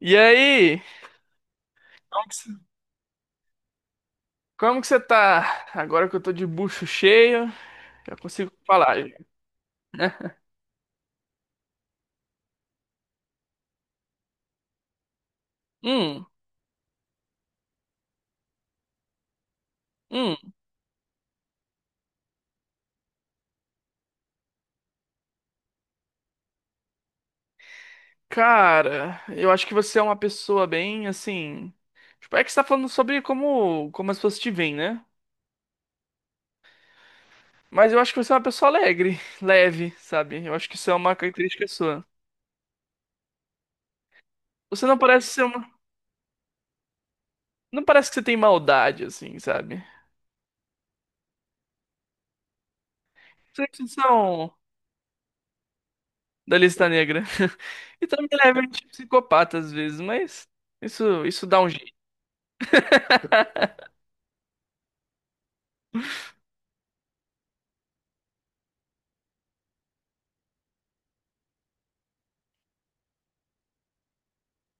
E aí? Como que você como que você tá? Agora que eu tô de bucho cheio, já consigo falar. Né? Hum, hum. Cara, eu acho que você é uma pessoa bem assim. Tipo, é que você tá falando sobre como as pessoas te veem, né? Mas eu acho que você é uma pessoa alegre, leve, sabe? Eu acho que isso é uma característica sua. Você não parece ser uma. Não parece que você tem maldade, assim, sabe? Vocês são da lista negra. E também levemente psicopata às vezes, mas isso dá um.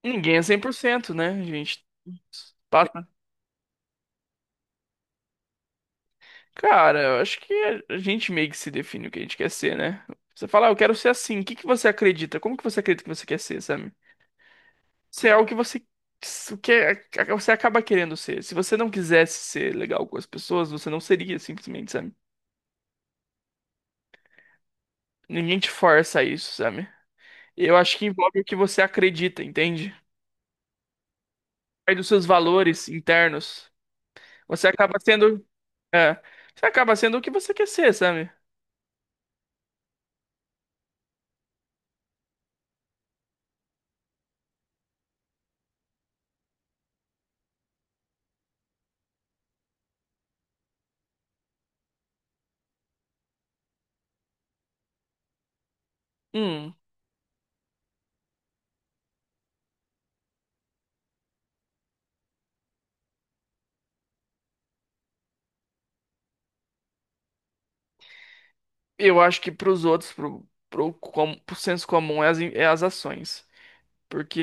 Ninguém é 100%, né? A gente passa. Cara, eu acho que a gente meio que se define o que a gente quer ser, né? Você fala, ah, eu quero ser assim. O que que você acredita? Como que você acredita que você quer ser, sabe? Se é o que você acaba querendo ser. Se você não quisesse ser legal com as pessoas, você não seria, simplesmente, sabe? Ninguém te força a isso, sabe? Eu acho que envolve o que você acredita, entende? Aí dos seus valores internos, você acaba sendo, é, você acaba sendo o que você quer ser, sabe? Hum. Eu acho que para os outros, pro senso comum, é as ações. Porque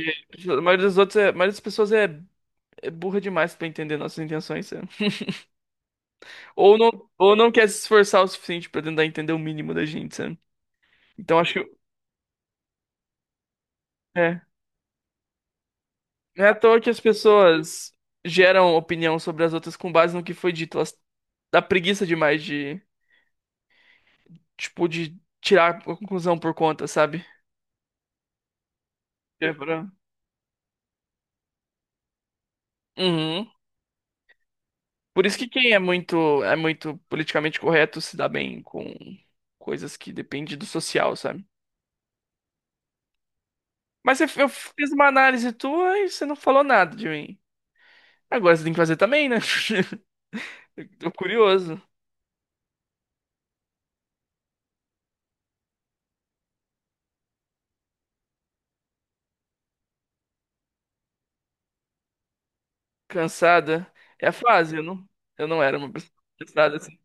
a maioria das pessoas é burra demais para entender nossas intenções, sabe? Ou não quer se esforçar o suficiente para tentar entender o mínimo da gente, sabe? Então acho que é. Não é à toa que as pessoas geram opinião sobre as outras com base no que foi dito. Elas dá preguiça demais tipo, de tirar a conclusão por conta, sabe? É pra... Uhum. Por isso que quem é muito politicamente correto se dá bem com coisas que dependem do social, sabe? Mas eu fiz uma análise tua e você não falou nada de mim. Agora você tem que fazer também, né? Tô curioso, cansada. É a fase, eu não era uma pessoa cansada assim.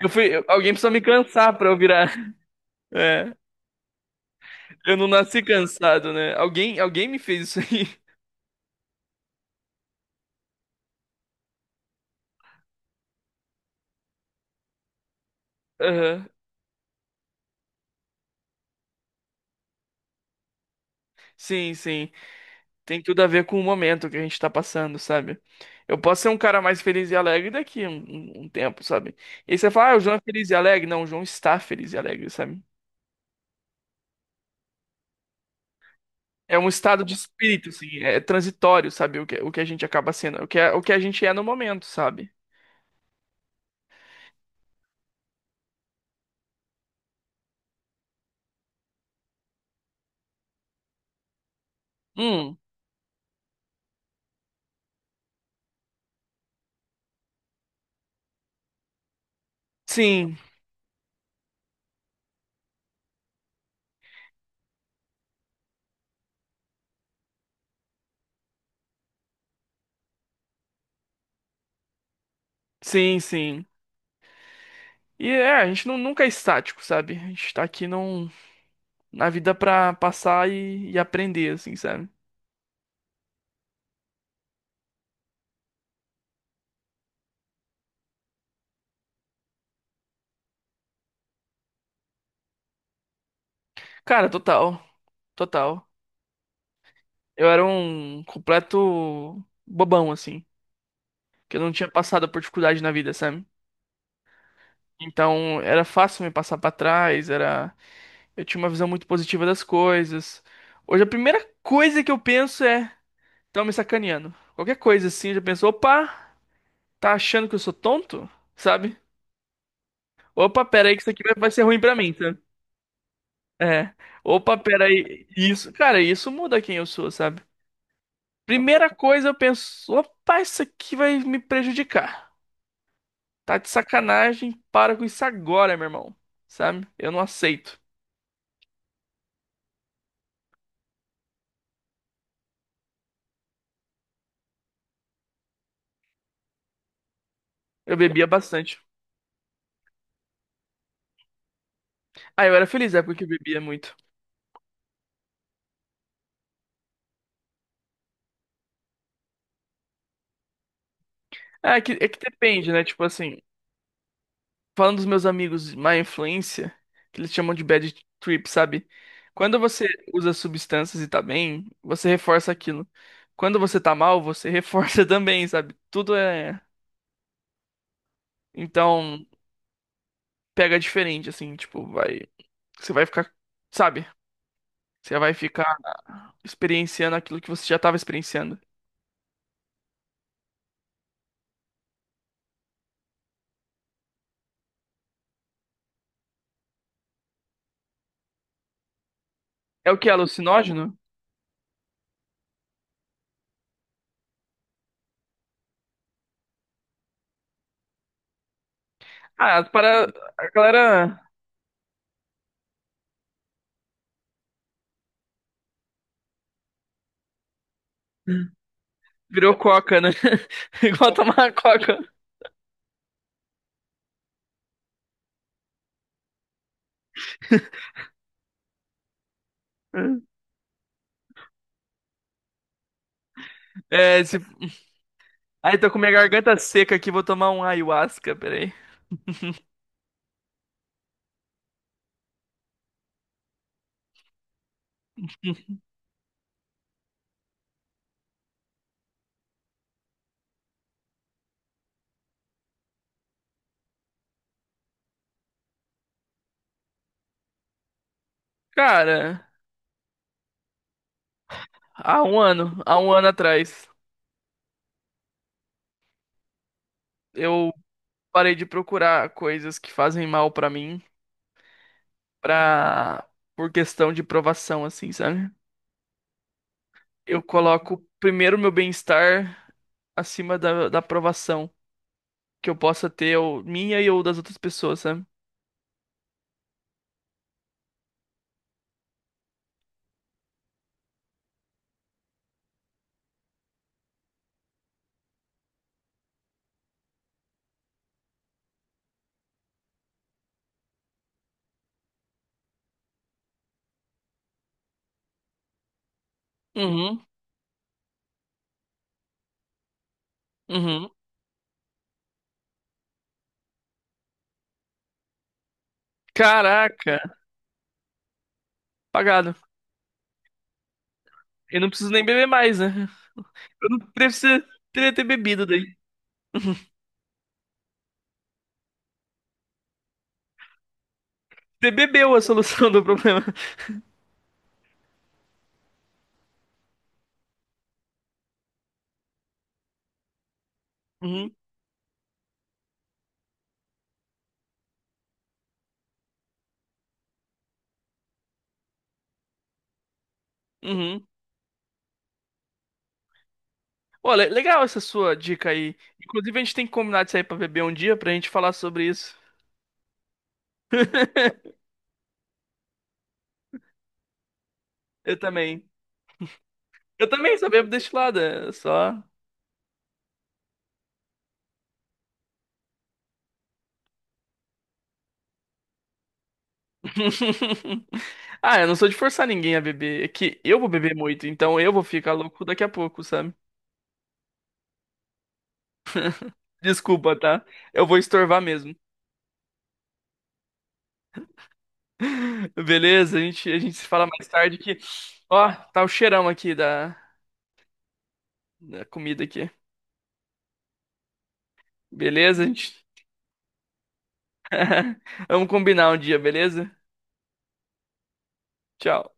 Alguém precisou me cansar pra eu virar. É, eu não nasci cansado, né? Alguém me fez isso aí. Aham. Sim, sim. Tem tudo a ver com o momento que a gente tá passando, sabe? Eu posso ser um cara mais feliz e alegre daqui um tempo, sabe? E aí você fala, ah, o João é feliz e alegre. Não, o João está feliz e alegre, sabe? É um estado de espírito, assim, é transitório, sabe? O que a gente acaba sendo, o que a gente é no momento, sabe? Hum, sim, sim, sim. E é, a gente nunca é estático, sabe? A gente tá aqui na vida pra passar e aprender, assim, sabe? Cara, total, total. Eu era um completo bobão, assim, que eu não tinha passado por dificuldade na vida, sabe? Então, era fácil me passar pra trás, Eu tinha uma visão muito positiva das coisas. Hoje, a primeira coisa que eu penso é, estão me sacaneando. Qualquer coisa, assim, eu já penso, opa, tá achando que eu sou tonto? Sabe? Opa, pera aí que isso aqui vai ser ruim pra mim, tá? É. Opa, pera aí. Isso, cara, isso muda quem eu sou, sabe? Primeira coisa, eu penso, opa, isso aqui vai me prejudicar. Tá de sacanagem, para com isso agora, meu irmão. Sabe? Eu não aceito. Eu bebia bastante. Ah, eu era feliz na época que eu bebia muito. Ah, é que depende, né? Tipo assim, falando dos meus amigos má influência, que eles chamam de bad trip, sabe? Quando você usa substâncias e tá bem, você reforça aquilo. Quando você tá mal, você reforça também, sabe? Tudo é. Então, pega diferente, assim, tipo, vai. Você vai ficar. Sabe? Você vai ficar experienciando aquilo que você já tava experienciando. É o que? Alucinógeno? Ah, para. A galera virou coca, né? Igual tomar coca. É, se... Ai, tô com minha garganta seca aqui, vou tomar um ayahuasca, peraí. Cara, há um ano atrás, eu parei de procurar coisas que fazem mal pra mim, pra... por questão de provação, assim, sabe? Eu coloco primeiro meu bem-estar acima da aprovação que eu possa ter, ou minha e ou das outras pessoas, sabe? Uhum, uhum. Caraca, pagado. Eu não preciso nem beber mais, né? Eu não preciso ter bebido daí. Você bebeu a solução do problema. Uhum, uhum. Olha, legal essa sua dica aí. Inclusive, a gente tem que combinar de sair pra beber um dia pra gente falar sobre isso. Eu também. Eu também só bebo destilada, é só. Ah, eu não sou de forçar ninguém a beber. É que eu vou beber muito, então eu vou ficar louco daqui a pouco, sabe? Desculpa, tá? Eu vou estorvar mesmo. Beleza, a gente se fala mais tarde que, ó, tá o cheirão aqui da comida aqui. Beleza, a gente? Vamos combinar um dia, beleza? Tchau.